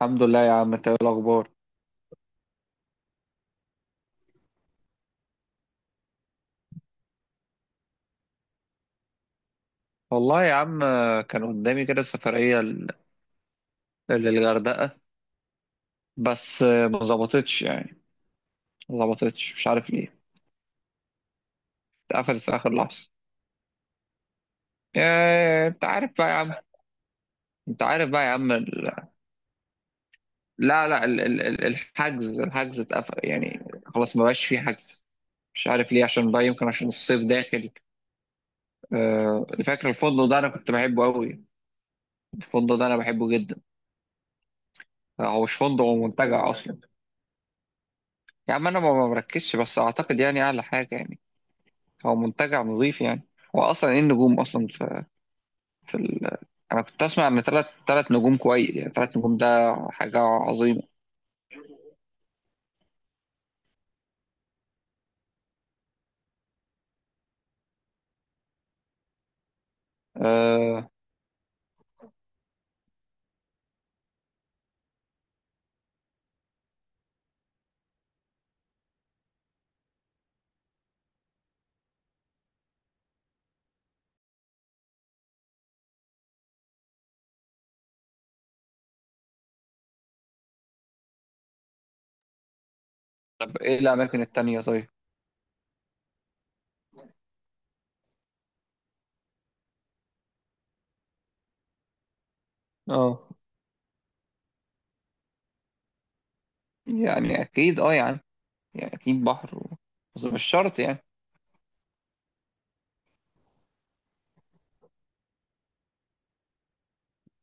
الحمد لله يا عم، انت ايه الاخبار؟ والله يا عم، كان قدامي كده سفريه للغردقه، بس ما ظبطتش يعني، ما ظبطتش، مش عارف ليه. اتقفلت في اخر لحظه، يا انت عارف بقى يا عم، انت عارف بقى يا عم ال... لا لا ال... ال... ال- الحجز الحجز اتقفل يعني، خلاص ما بقاش فيه حجز. مش عارف ليه، عشان بقى يمكن عشان الصيف داخل. فاكر الفندق ده، انا كنت بحبه قوي، الفندق ده انا بحبه جدا. هو مش فندق، هو منتجع اصلا. يا عم انا ما بركزش، بس اعتقد يعني اعلى حاجه يعني. هو منتجع نظيف يعني. هو اصلا ايه النجوم اصلا في. انا كنت اسمع ان ثلاث نجوم كويس، يعني ثلاث نجوم ده حاجه عظيمه. أه... طب ايه الاماكن التانية طيب؟ اه يعني اكيد، اه يعني اكيد بحر. بس مش شرط يعني.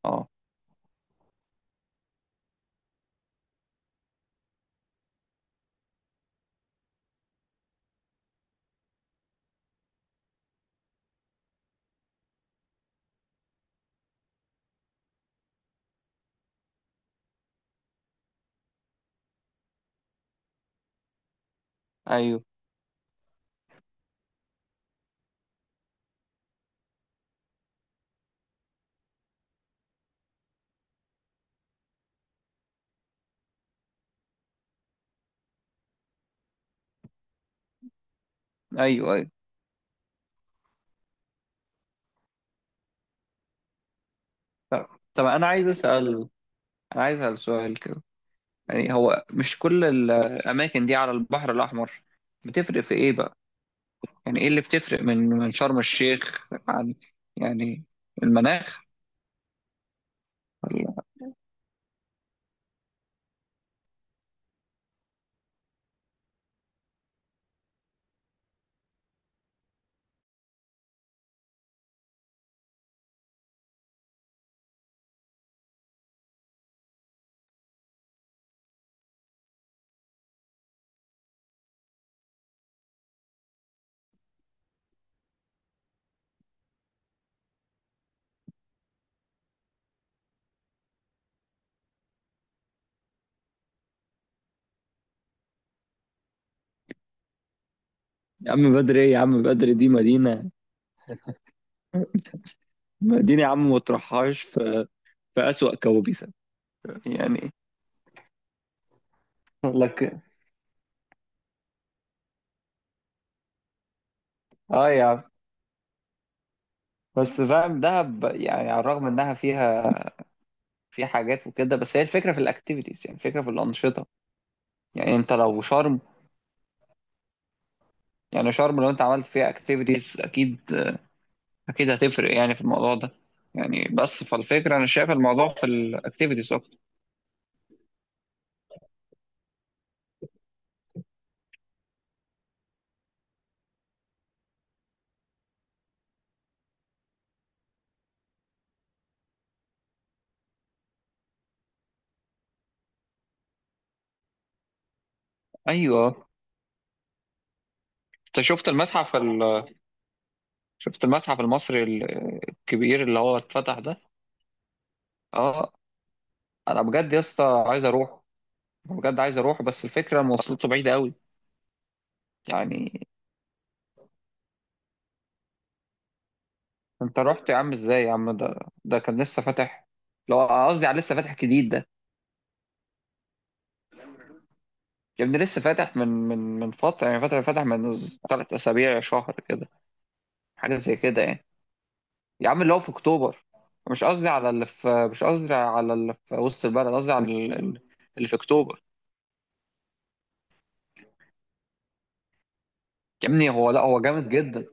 اه، ايوه، ايوه، ايوه. طب طب انا عايز اسال سؤال كده. يعني هو مش كل الاماكن دي على البحر الاحمر؟ بتفرق في ايه بقى؟ يعني ايه اللي بتفرق من شرم الشيخ عن، يعني المناخ؟ ولا- يا عم بدر ايه؟ يا عم بدر دي مدينة، مدينة يا عم ما تروحهاش في أسوأ كوابيسها يعني. لك. اه يا عم، بس فاهم دهب يعني على الرغم انها فيها في حاجات وكده، بس هي الفكره في الاكتيفيتيز، يعني الفكره في الانشطه. يعني انت لو شرم، يعني شرم لو انت عملت فيها اكتيفيتيز، اكيد اكيد هتفرق يعني في الموضوع ده، يعني بس فالفكره، انا شايف الموضوع في الاكتيفيتيز اكتر. ايوه. انت شفت المتحف؟ شفت المتحف المصري الكبير اللي هو اتفتح ده؟ اه، انا بجد يا اسطى عايز اروح، بجد عايز اروح، بس الفكره مواصلاته بعيده قوي يعني. انت رحت يا عم ازاي يا عم؟ ده ده كان لسه فاتح، لو قصدي على لسه فاتح جديد ده. يا ابني لسه فاتح من فتره، يعني فاتح من 3 اسابيع، شهر كده، حاجه زي كده يعني. يا عم اللي هو في اكتوبر. مش قصدي على اللي في مش قصدي على اللي في وسط البلد، قصدي على اللي في اكتوبر. يا ابني هو، لا هو جامد جدا،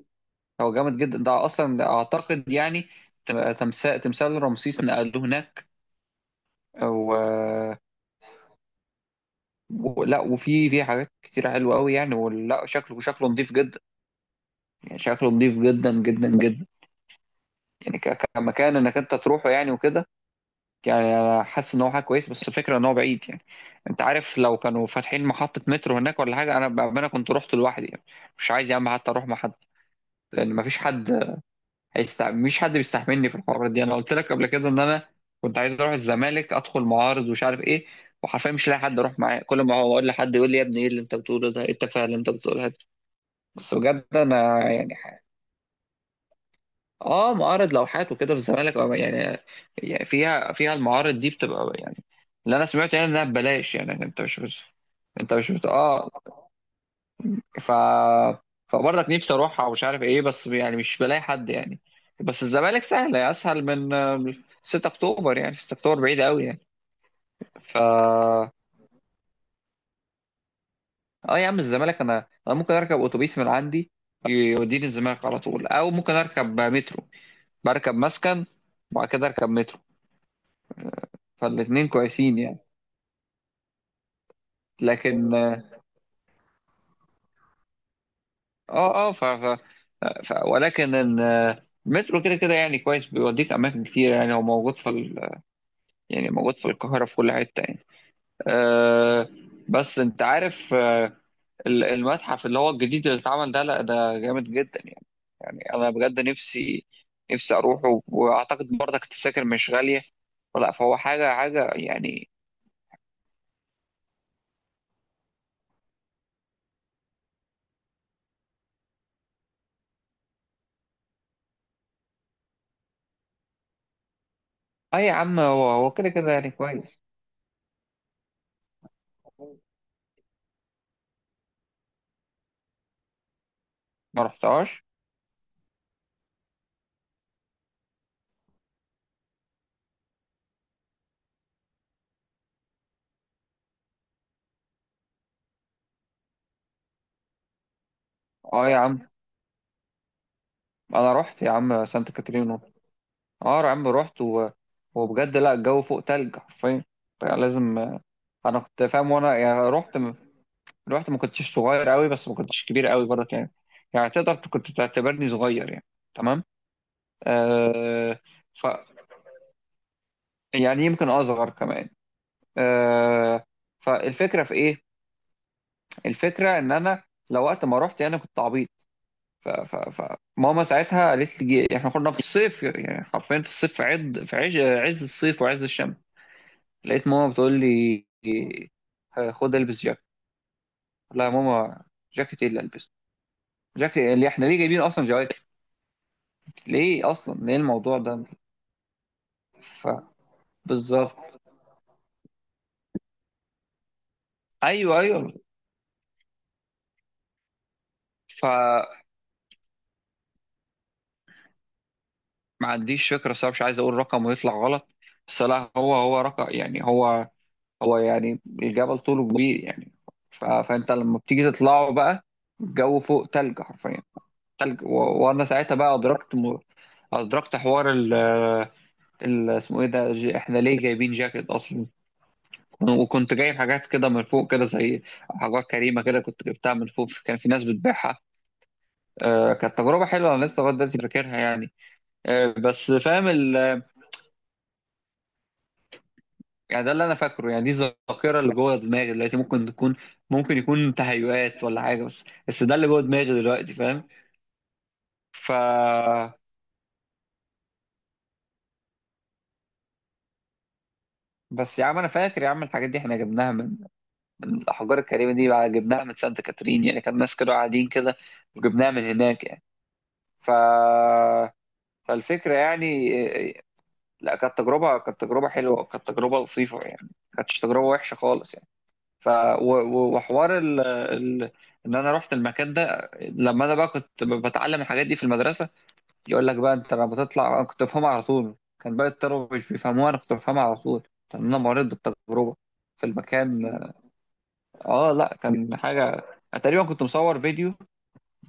هو جامد جدا ده اصلا، ده اعتقد يعني تمثال رمسيس نقلوه هناك و... ولا وفي حاجات كتير حلوه قوي يعني، ولا شكله نظيف جدا، يعني شكله نظيف جدا جدا جدا. يعني كمكان انك انت تروحه يعني وكده، يعني انا حاسس ان هو حاجه كويس، بس الفكره ان هو بعيد يعني. انت عارف لو كانوا فاتحين محطه مترو هناك ولا حاجه، انا كنت رحت لوحدي يعني. مش عايز يا عم حتى اروح مع حد، لان مفيش حد مش حد بيستحملني في الحوارات دي. انا قلت لك قبل كده ان انا كنت عايز اروح الزمالك، ادخل معارض ومش عارف ايه، وحرفيا مش لاقي حد اروح معاه، كل ما هو اقول لحد يقول لي يا ابني ايه اللي انت بتقوله ده، ايه التفاهه اللي انت بتقولها دي. بس بجد انا يعني. اه، معارض لوحات وكده في الزمالك يعني، يعني فيها المعارض دي بتبقى يعني، اللي انا سمعت يعني انها ببلاش، يعني انت مش. انت مش اه. ف فبرضك نفسي اروحها ومش عارف ايه، بس يعني مش بلاقي حد يعني. بس الزمالك سهله، اسهل من 6 اكتوبر، يعني 6 اكتوبر بعيد قوي يعني. ف اه يا عم، الزمالك انا ممكن اركب اتوبيس من عندي يوديني الزمالك على طول، او ممكن اركب مترو، بركب مسكن وبعد كده اركب مترو، فالاتنين كويسين يعني. لكن اه ف... ف... ف... ولكن ان- المترو كده كده يعني كويس، بيوديك اماكن كتير، يعني هو موجود في, يعني موجود في القاهره في كل حته يعني. آه بس انت عارف. المتحف اللي هو الجديد اللي اتعمل ده، لا ده جامد جدا يعني، يعني انا بجد نفسي اروحه، واعتقد برضك التذاكر مش غالية، فلا، فهو حاجة حاجة يعني. اه يا عم، هو هو كده كده يعني كويس. ما رحتهاش. اه يا عم، انا رحت يا عم سانت كاترينا، اه يا عم رحت. وبجد، لا الجو فوق تلج حرفيا، فلازم. انا كنت فاهم وانا يعني رحت، الوقت ما كنتش صغير قوي، بس ما كنتش كبير قوي برضه يعني، يعني تقدر كنت تعتبرني صغير يعني. تمام. آه ف يعني يمكن اصغر كمان آه فالفكره في ايه؟ الفكره ان انا لو وقت ما رحت انا كنت عبيط. ف... ف... فماما ساعتها قالت لي، احنا كنا في الصيف يعني، حرفيا في الصيف، في عز الصيف وعز الشمس. لقيت ماما بتقول لي خد البس جاكيت. لا يا ماما، جاكيت ايه اللي البسه؟ جاكيت اللي احنا ليه جايبين اصلا جواكت؟ ليه اصلا، ليه الموضوع ده؟ فبالظبط. ايوه ايوه. فما عنديش فكره صراحه، مش عايز اقول رقم ويطلع غلط، بس لا هو هو رقم يعني، هو هو يعني الجبل طوله كبير يعني. فانت لما بتيجي تطلعه بقى، الجو فوق تلج حرفيا، تلج. وانا ساعتها بقى ادركت ادركت حوار اسمه ايه ده. احنا ليه جايبين جاكيت اصلا؟ وكنت جايب حاجات كده من فوق كده، زي حاجات كريمه كده كنت جبتها من فوق، كان في ناس بتبيعها. آه، كانت تجربة حلوة، أنا لسه لغاية دلوقتي فاكرها يعني. آه، بس فاهم. يعني ده اللي أنا فاكره، يعني دي الذاكرة اللي جوه دماغي دلوقتي، ممكن يكون تهيؤات ولا حاجة، بس ده اللي جوه دماغي دلوقتي، فاهم. ف بس يا عم أنا فاكر يا عم الحاجات دي إحنا جبناها من الأحجار الكريمة دي، بقى جبناها من سانت كاترين يعني، كان ناس كانوا قاعدين كده وجبناها من هناك يعني. ف فالفكرة يعني. لا كانت تجربة، كانت تجربة حلوة، وكانت تجربة لطيفة يعني، ما كانتش تجربة وحشة خالص يعني. وحوار ان انا رحت المكان ده، لما انا بقى كنت بتعلم الحاجات دي في المدرسه، يقول لك بقى انت لما بتطلع انا كنت بفهمها على طول، كان باقي الطلبه مش بيفهموها، انا كنت بفهمها على طول، لان انا مريت بالتجربه في المكان. اه لا كان حاجه، أنا تقريبا كنت مصور فيديو،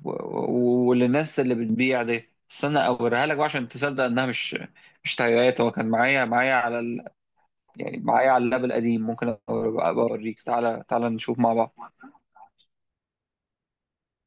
وللناس اللي بتبيع دي استنى اوريها لك بقى عشان تصدق انها مش تغييرات، هو كان معايا على, يعني معايا على اللاب القديم، ممكن أبقى اوريك، تعالى تعالى نشوف مع بعض.